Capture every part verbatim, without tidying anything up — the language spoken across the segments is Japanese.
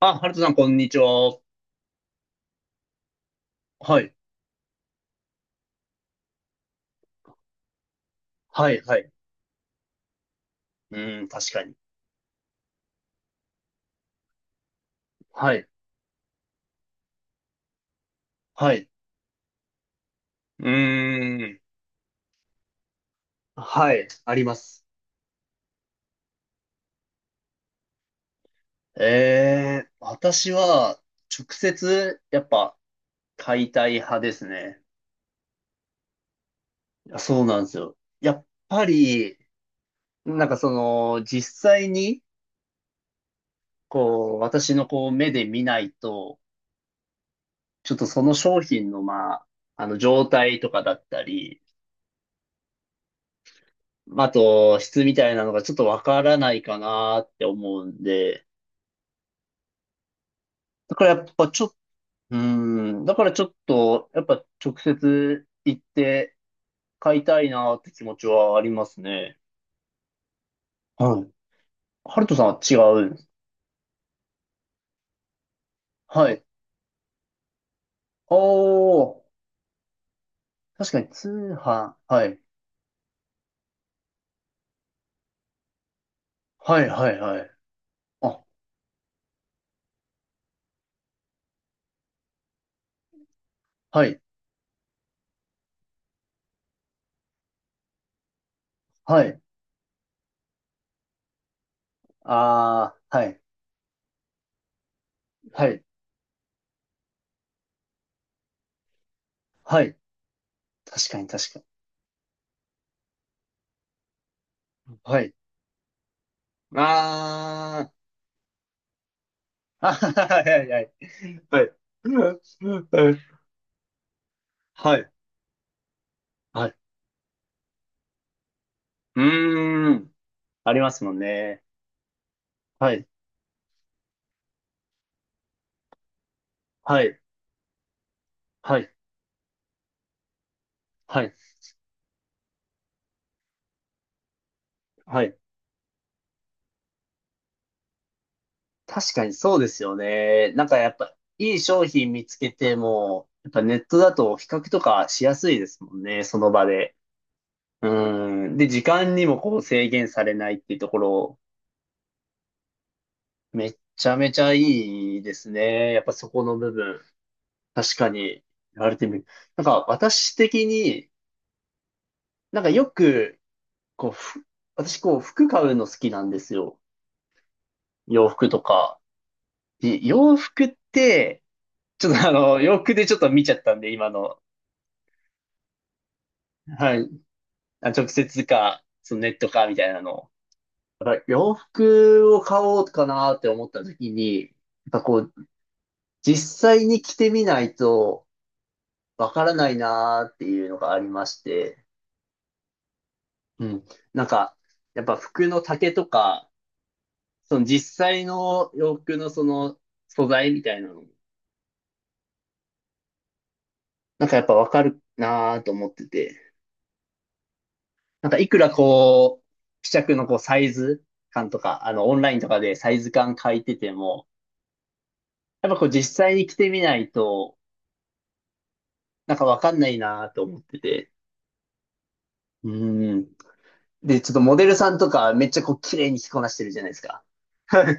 あ、ハルトさん、こんにちは。はい。はい、はい。うーん、確かに。はい、はい。うーん、はい、あります。えー、私は、直接、やっぱ、解体派ですね。いやそうなんですよ。やっぱり、なんかその、実際に、こう、私のこう、目で見ないと、ちょっとその商品の、まあ、あの、状態とかだったり、まああと、質みたいなのがちょっとわからないかなって思うんで、だからやっぱちょっ、うーん、だからちょっと、やっぱ直接行って買いたいなって気持ちはありますね。はい。ハルトさんは違うんです。はい。おー、確かに通販。はい。はいはいはい。あ、はい。はい。あー、はい。はい。はい。確かに確かに。はい。あー、あはいははいはい。はい。はい。はい。はい。うーん。ありますもんね。はい。はい、はい、はい、はい。確かにそうですよね。なんかやっぱ、いい商品見つけても、やっぱネットだと比較とかしやすいですもんね、その場で。うん。で、時間にもこう制限されないっていうところ、めっちゃめちゃいいですね。やっぱそこの部分。確かに、言われてみる。なんか私的に、なんかよく、こう、ふ私こう服買うの好きなんですよ。洋服とか。で洋服って、ちょっとあの、洋服でちょっと見ちゃったんで、今の。はい。あ、直接か、そのネットか、みたいなのを。やっぱ洋服を買おうかなって思った時に、やっぱこう、実際に着てみないとわからないなっていうのがありまして、うん。なんか、やっぱ服の丈とか、その実際の洋服のその素材みたいなの、なんかやっぱわかるなと思ってて。なんかいくらこう、試着のこうサイズ感とか、あのオンラインとかでサイズ感書いてても、やっぱこう実際に着てみないと、なんかわかんないなと思ってて。うん。で、ちょっとモデルさんとかめっちゃこう綺麗に着こなしてるじゃないですか。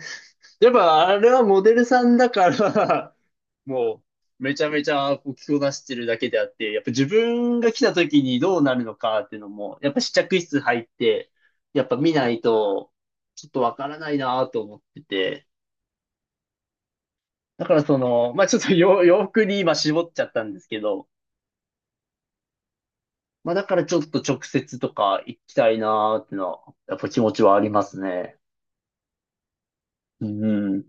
やっぱあれはモデルさんだからもう、めちゃめちゃこう着こなしてるだけであって、やっぱ自分が来た時にどうなるのかっていうのも、やっぱ試着室入って、やっぱ見ないと、ちょっとわからないなと思ってて。だからその、まあちょっと洋 洋服に今絞っちゃったんですけど、まあだからちょっと直接とか行きたいなーっていうのは、やっぱ気持ちはありますね。うん。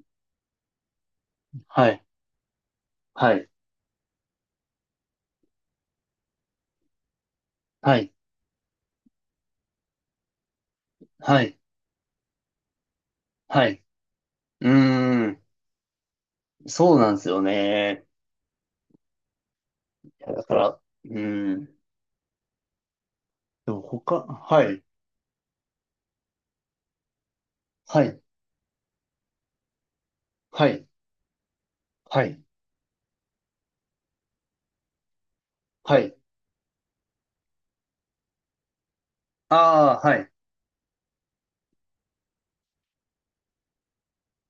はい。はい。はい。はい。はい。うーん。そうなんですよね。いやだから、うん。でも他、はい、はい、はい、はい、はい。ああ、はい、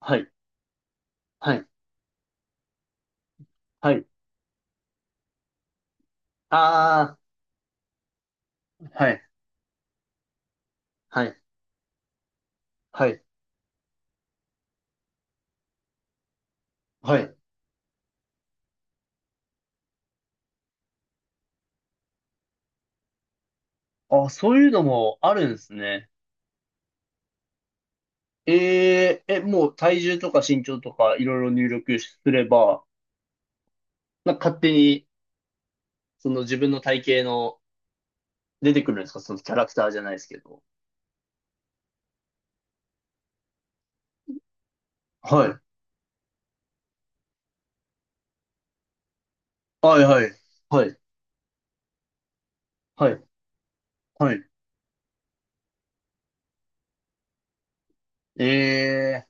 はい、はい、はい。ああ、はい、はい、はい、はい。あ、そういうのもあるんですね。えー、え、もう体重とか身長とかいろいろ入力すれば、なんか勝手に、その自分の体型の出てくるんですかそのキャラクターじゃないですけど。はい。はい、はい、はい、はい、はい。ええ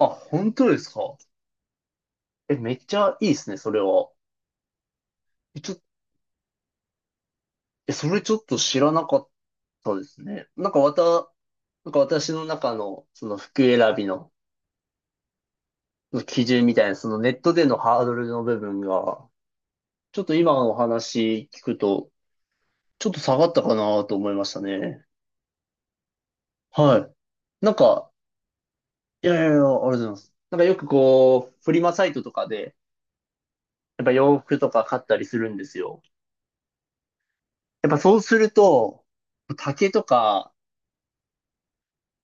ー、あ、本当ですかえ、めっちゃいいですね、それは。ちょっえ、それちょっと知らなかったですね。なんかわた、なんか私の中のその服選びの基準みたいな、そのネットでのハードルの部分が、ちょっと今のお話聞くと、ちょっと下がったかなと思いましたね。はい。なんか、いやいやいや、ありがとうございます。なんかよくこう、フリマサイトとかで、やっぱ洋服とか買ったりするんですよ。やっぱそうすると、丈とか、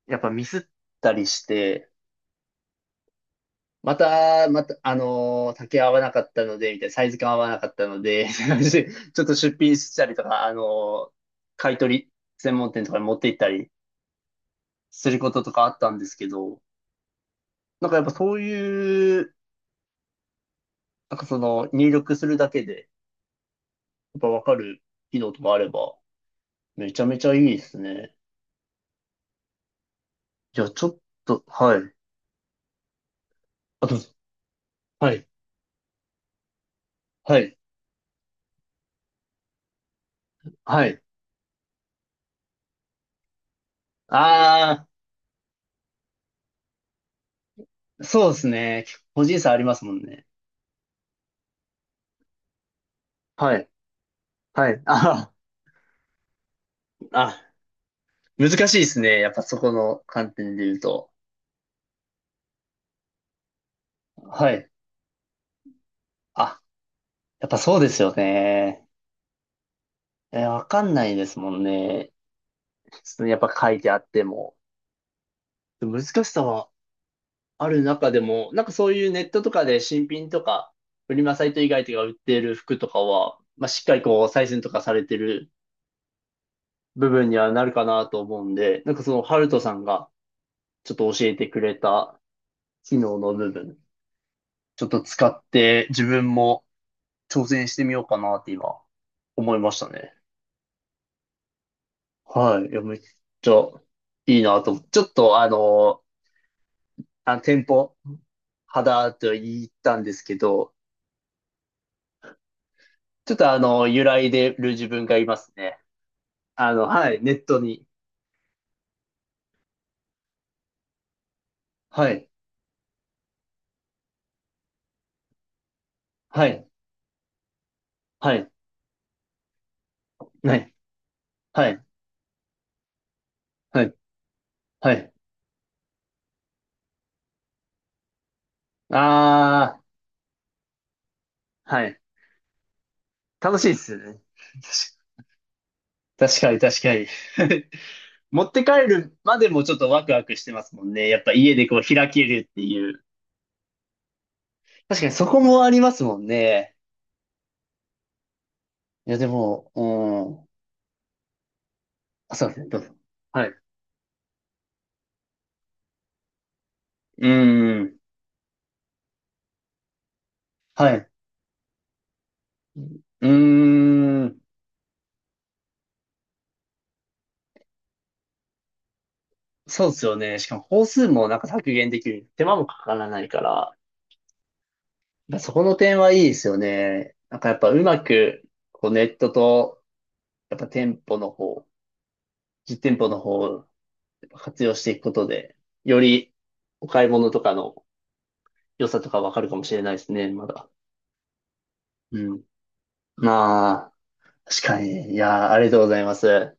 やっぱミスったりして、また、また、あのー竹合わなかったので、みたいな、サイズ感合わなかったので、みたいな感じでちょっと出品したりとか、あのー買い取り専門店とかに持って行ったりすることとかあったんですけど、なんかやっぱそういう、なんかその入力するだけで、やっぱわかる機能とかあれば、めちゃめちゃいいですね。いや、ちょっと、はい。あ、どうぞ。はい。はい。はい。ああ、そうですね。個人差ありますもんね。はい。はい。ああ。あ難しいですね。やっぱそこの観点で言うと。はい。あ、やっぱそうですよね。えー、わかんないですもんね。普通やっぱ書いてあっても。難しさはある中でも、なんかそういうネットとかで新品とか、フリマサイト以外とか売っている服とかは、まあ、しっかりこう、採寸とかされてる部分にはなるかなと思うんで、なんかその、ハルトさんがちょっと教えてくれた機能の部分、ちょっと使って自分も挑戦してみようかなって今、思いましたね。はい。いや、めっちゃいいなと思って。ちょっとあの、あの店舗、肌と言ったんですけど、ちょっとあの、揺らいでる自分がいますね。あの、はい、ネットに。はい、はい、はい、はい、はい、はい、はい。あー、はい。楽しいですよね。確かに、確かに。持って帰るまでもちょっとワクワクしてますもんね。やっぱ家でこう開けるっていう。確かにそこもありますもんね。いや、でも、うん。あ、そうですね、どうぞ。はい。うん。はい。うーん。そうですよね。しかも、本数もなんか削減できる。手間もかからないから。やっぱそこの点はいいですよね。なんかやっぱうまく、こうネットと、やっぱ店舗の方、実店舗の方をやっぱ活用していくことで、よりお買い物とかの良さとかわかるかもしれないですね、まだ。うん。まあ。確かに。いやー、ありがとうございます。